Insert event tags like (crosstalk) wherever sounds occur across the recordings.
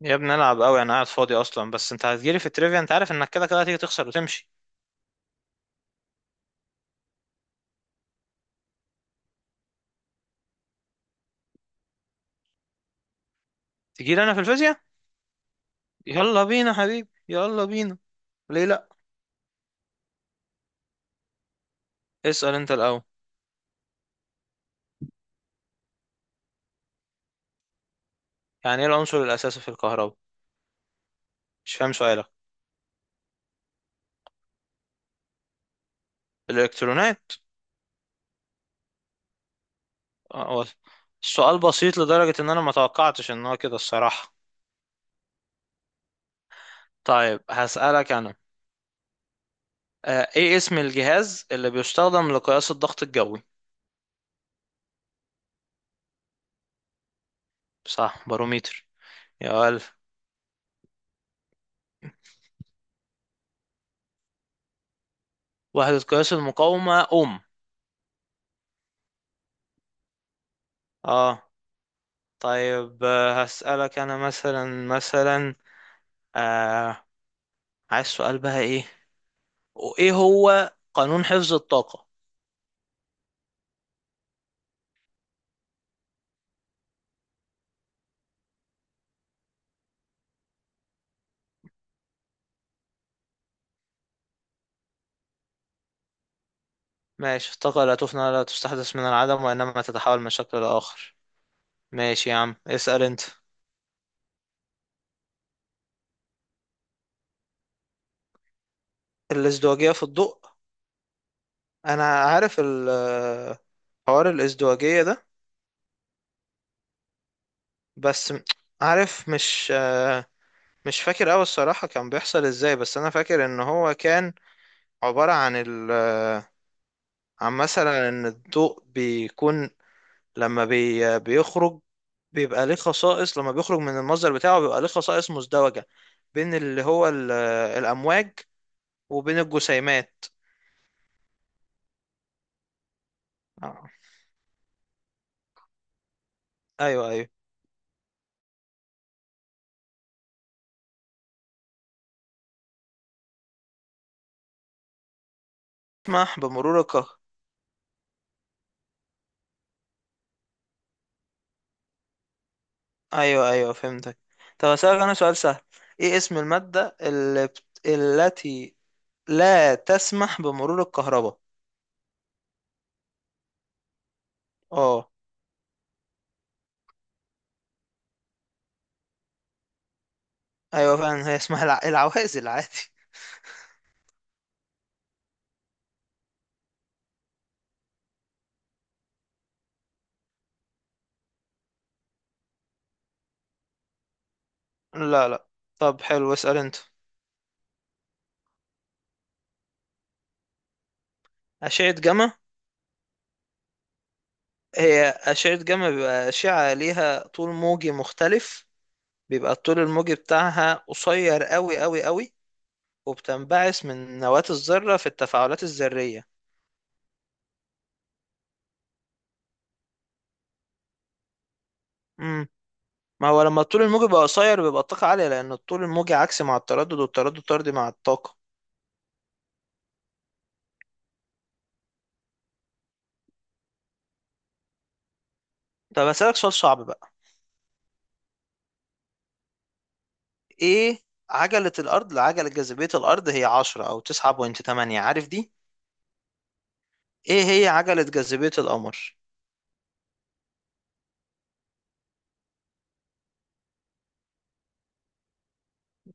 يا ابني العب قوي، انا قاعد فاضي اصلا. بس انت هتجيلي في التريفيا؟ انت عارف انك كده كده هتيجي تخسر وتمشي. تجيلي انا في الفيزياء؟ يلا بينا حبيبي يلا بينا. ليه لا. اسأل انت الاول. يعني ايه العنصر الاساسي في الكهرباء؟ مش فاهم سؤالك. الالكترونات. هو السؤال بسيط لدرجة ان انا ما توقعتش ان هو كده الصراحة. طيب هسألك انا. ايه اسم الجهاز اللي بيستخدم لقياس الضغط الجوي؟ صح، باروميتر. يا ألف. وحدة قياس المقاومة أوم. اه. طيب، هسألك أنا مثلا مثلا آه عايز سؤال بقى. إيه وإيه هو قانون حفظ الطاقة؟ ماشي، الطاقة لا تفنى ولا تستحدث من العدم، وإنما تتحول من شكل لآخر. ماشي يا عم، اسأل أنت. الازدواجية في الضوء. أنا عارف حوار الازدواجية ده. بس م- عارف، مش فاكر أوي الصراحة كان بيحصل إزاي، بس أنا فاكر إن هو كان عبارة عن عن مثلا ان الضوء بيكون لما بيخرج بيبقى ليه خصائص. لما بيخرج من المصدر بتاعه بيبقى ليه خصائص مزدوجة، بين الأمواج وبين الجسيمات. آه. أيوه أيوه. اسمح بمرور الكهرباء. أيوه أيوه، فهمتك. طب أسألك أنا سؤال سهل. إيه اسم المادة التي لا تسمح بمرور الكهرباء؟ أه. أيوه فعلا، هي اسمها العوازل عادي. لا لا. طب حلو، اسأل أنت. أشعة جاما. هي أشعة جاما بيبقى أشعة ليها طول موجي مختلف، بيبقى الطول الموجي بتاعها قصير أوي أوي أوي، وبتنبعث من نواة الذرة في التفاعلات الذرية. مم. ما هو لما الطول الموجي بيبقى قصير بيبقى الطاقة عالية، لأن الطول الموجي عكسي مع التردد، والتردد طردي مع الطاقة. طب أسألك سؤال صعب بقى. إيه عجلة الأرض، لعجلة جاذبية الأرض هي عشرة أو تسعة بوينت تمانية، عارف دي؟ إيه هي عجلة جاذبية القمر؟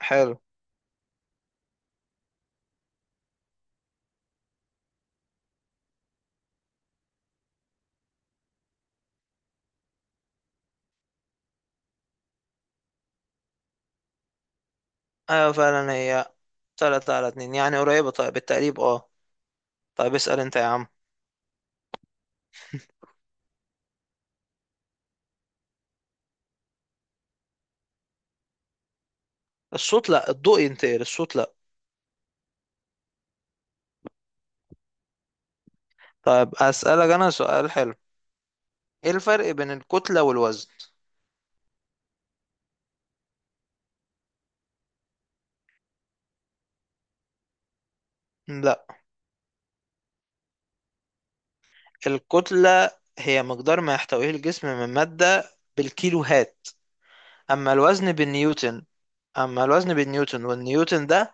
حلو. أيوة فعلا، هي تلاتة على اتنين يعني، قريبة طيب بالتقريب. اه. طيب اسأل انت يا عم. الصوت لا، الضوء ينتقل، الصوت لا. طيب اسألك انا سؤال حلو. ايه الفرق بين الكتلة والوزن؟ لا. الكتلة هي مقدار ما يحتويه الجسم من مادة بالكيلوهات، اما الوزن بالنيوتن. اما الوزن بالنيوتن، والنيوتن ده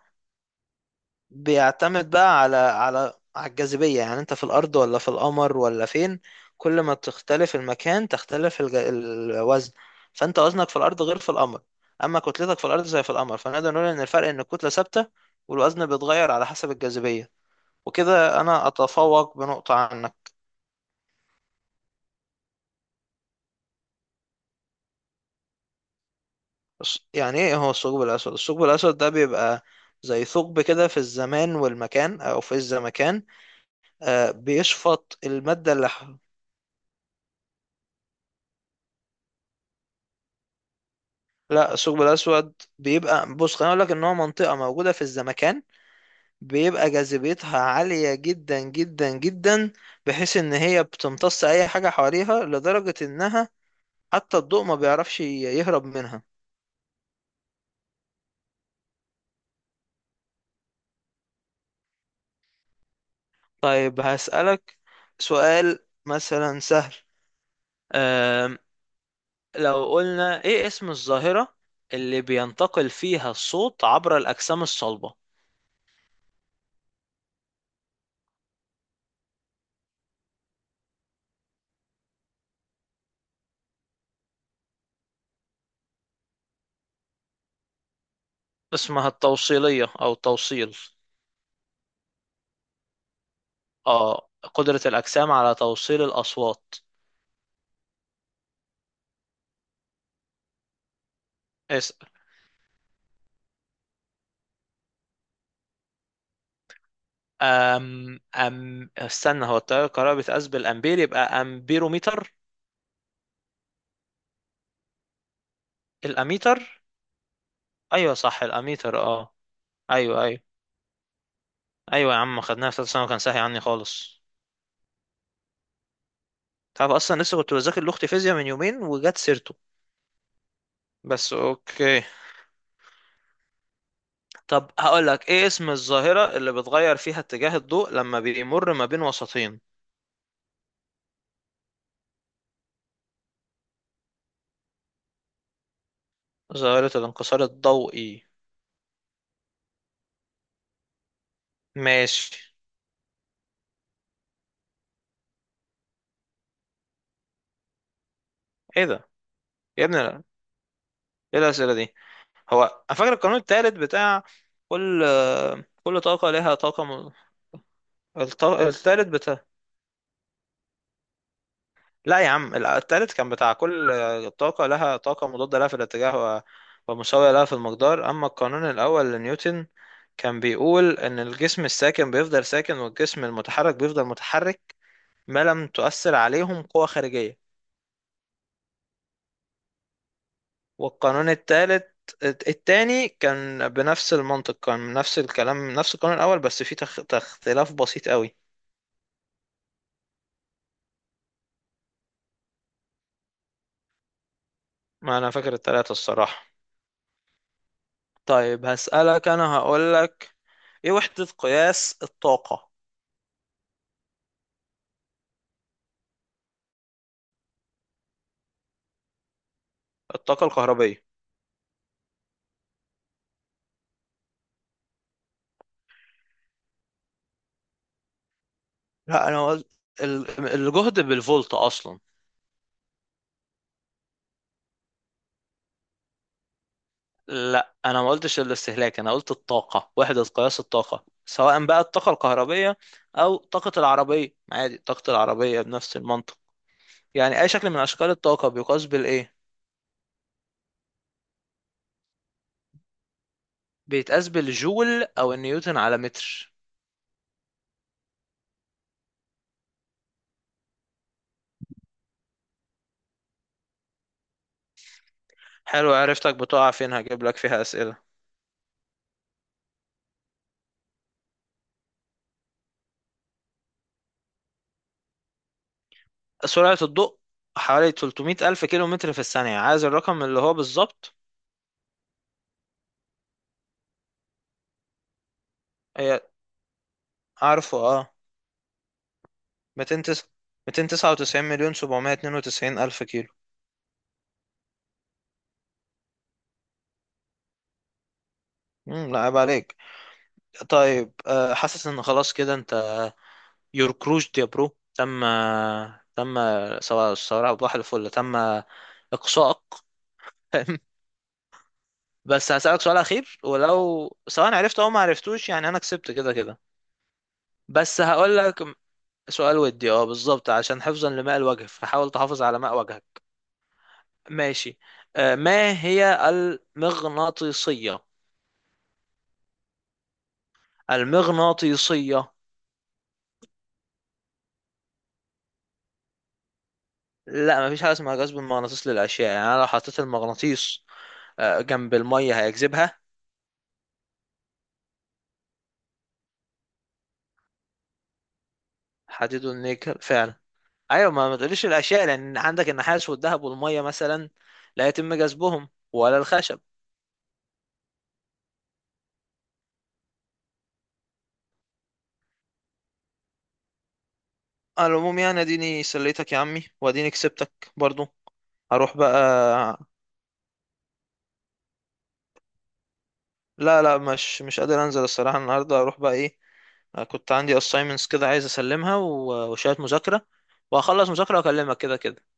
بيعتمد بقى على على الجاذبية، يعني انت في الأرض ولا في القمر ولا فين. كل ما تختلف المكان تختلف الوزن، فانت وزنك في الأرض غير في القمر. أما كتلتك في الأرض زي في القمر، فنقدر نقول إن الفرق إن الكتلة ثابتة والوزن بيتغير على حسب الجاذبية. وكده أنا أتفوق بنقطة عنك. بس يعني إيه هو الثقب الأسود؟ الثقب الأسود ده بيبقى زي ثقب كده في الزمان والمكان، أو في الزمكان. بيشفط المادة اللي... لا، الثقب الأسود بيبقى، بص خليني أقول لك، إن هو منطقة موجودة في الزمكان بيبقى جاذبيتها عالية جدا جدا جدا، بحيث إن هي بتمتص أي حاجة حواليها، لدرجة إنها حتى الضوء ما بيعرفش يهرب منها. طيب هسألك سؤال مثلا سهل. أم لو قلنا إيه اسم الظاهرة اللي بينتقل فيها الصوت عبر الأجسام الصلبة؟ اسمها التوصيلية أو التوصيل. آه، قدرة الأجسام على توصيل الأصوات. اسأل. أم أم استنى، هو التيار الكهربائي بيتقاس بالأمبير، يبقى أمبيروميتر. الأميتر. أيوه صح، الأميتر. أه. أيوه أيوه. أيوه يا عم، خدناها في ثالثة ثانوي، كان ساهي عني خالص. تعرف أصلا لسه كنت بذاكر لأختي فيزياء من يومين وجت سيرته. بس أوكي. طب هقول لك، إيه اسم الظاهرة اللي بتغير فيها اتجاه الضوء لما بيمر ما بين وسطين؟ ظاهرة الانكسار الضوئي. ماشي. إيه ده؟ يا ابني لا. إيه الأسئلة دي؟ هو انا فاكر القانون التالت بتاع، كل كل طاقة لها طاقة التالت بتاع، لا يا عم التالت كان بتاع كل طاقة لها طاقة مضادة لها في الاتجاه، و... ومساوية لها في المقدار. أما القانون الأول لنيوتن كان بيقول إن الجسم الساكن بيفضل ساكن، والجسم المتحرك بيفضل متحرك، ما لم تؤثر عليهم قوة خارجية. والقانون التاني كان بنفس المنطق، كان نفس الكلام، نفس القانون الأول بس فيه اختلاف بسيط قوي. ما انا فاكر التلاتة الصراحة. طيب هسألك انا، هقولك ايه وحدة قياس الطاقة. الطاقة الكهربية. لا انا قلت الجهد بالفولت اصلا. لا انا ما قلتش الاستهلاك، انا قلت الطاقة، وحدة قياس الطاقة. سواء بقى الطاقة الكهربية او طاقة العربية عادي، طاقة العربية بنفس المنطق. يعني اي شكل من اشكال الطاقة بيقاس بالايه؟ بيتقاس بالجول او النيوتن على متر. حلو، عرفتك بتقع فين، هجيب لك فيها اسئلة. سرعة الضوء حوالي 300 ألف كيلو متر في الثانية. عايز الرقم اللي هو بالظبط؟ هي عارفه اه. 200 تس- 299 مليون 792 ألف كيلو. لا عيب عليك. طيب، حاسس ان خلاص كده انت، يور كروج يا برو، تم. تم. سواء سواء بحر الفل، تم اقصائك. (laughs) بس هسألك سؤال أخير، ولو سواء عرفت أو ما عرفتوش يعني أنا كسبت كده كده. بس هقول لك سؤال ودي، اه بالظبط، عشان حفظا لماء الوجه فحاول تحافظ على ماء وجهك. ماشي. ما هي المغناطيسية؟ المغناطيسية. لا مفيش حاجة اسمها جذب المغناطيس للأشياء. يعني أنا لو حطيت المغناطيس جنب المية هيجذبها؟ حديد والنيكل فعلا. أيوة، ما تقوليش الأشياء، لأن عندك النحاس والذهب والمية مثلا لا يتم جذبهم، ولا الخشب. على العموم يعني، اديني سليتك يا عمي، واديني كسبتك برضو. هروح بقى. لا لا، مش مش قادر انزل الصراحه النهارده، اروح بقى ايه. كنت عندي assignments كده عايز اسلمها، وشويه مذاكره، وهخلص مذاكره واكلمك كده كده.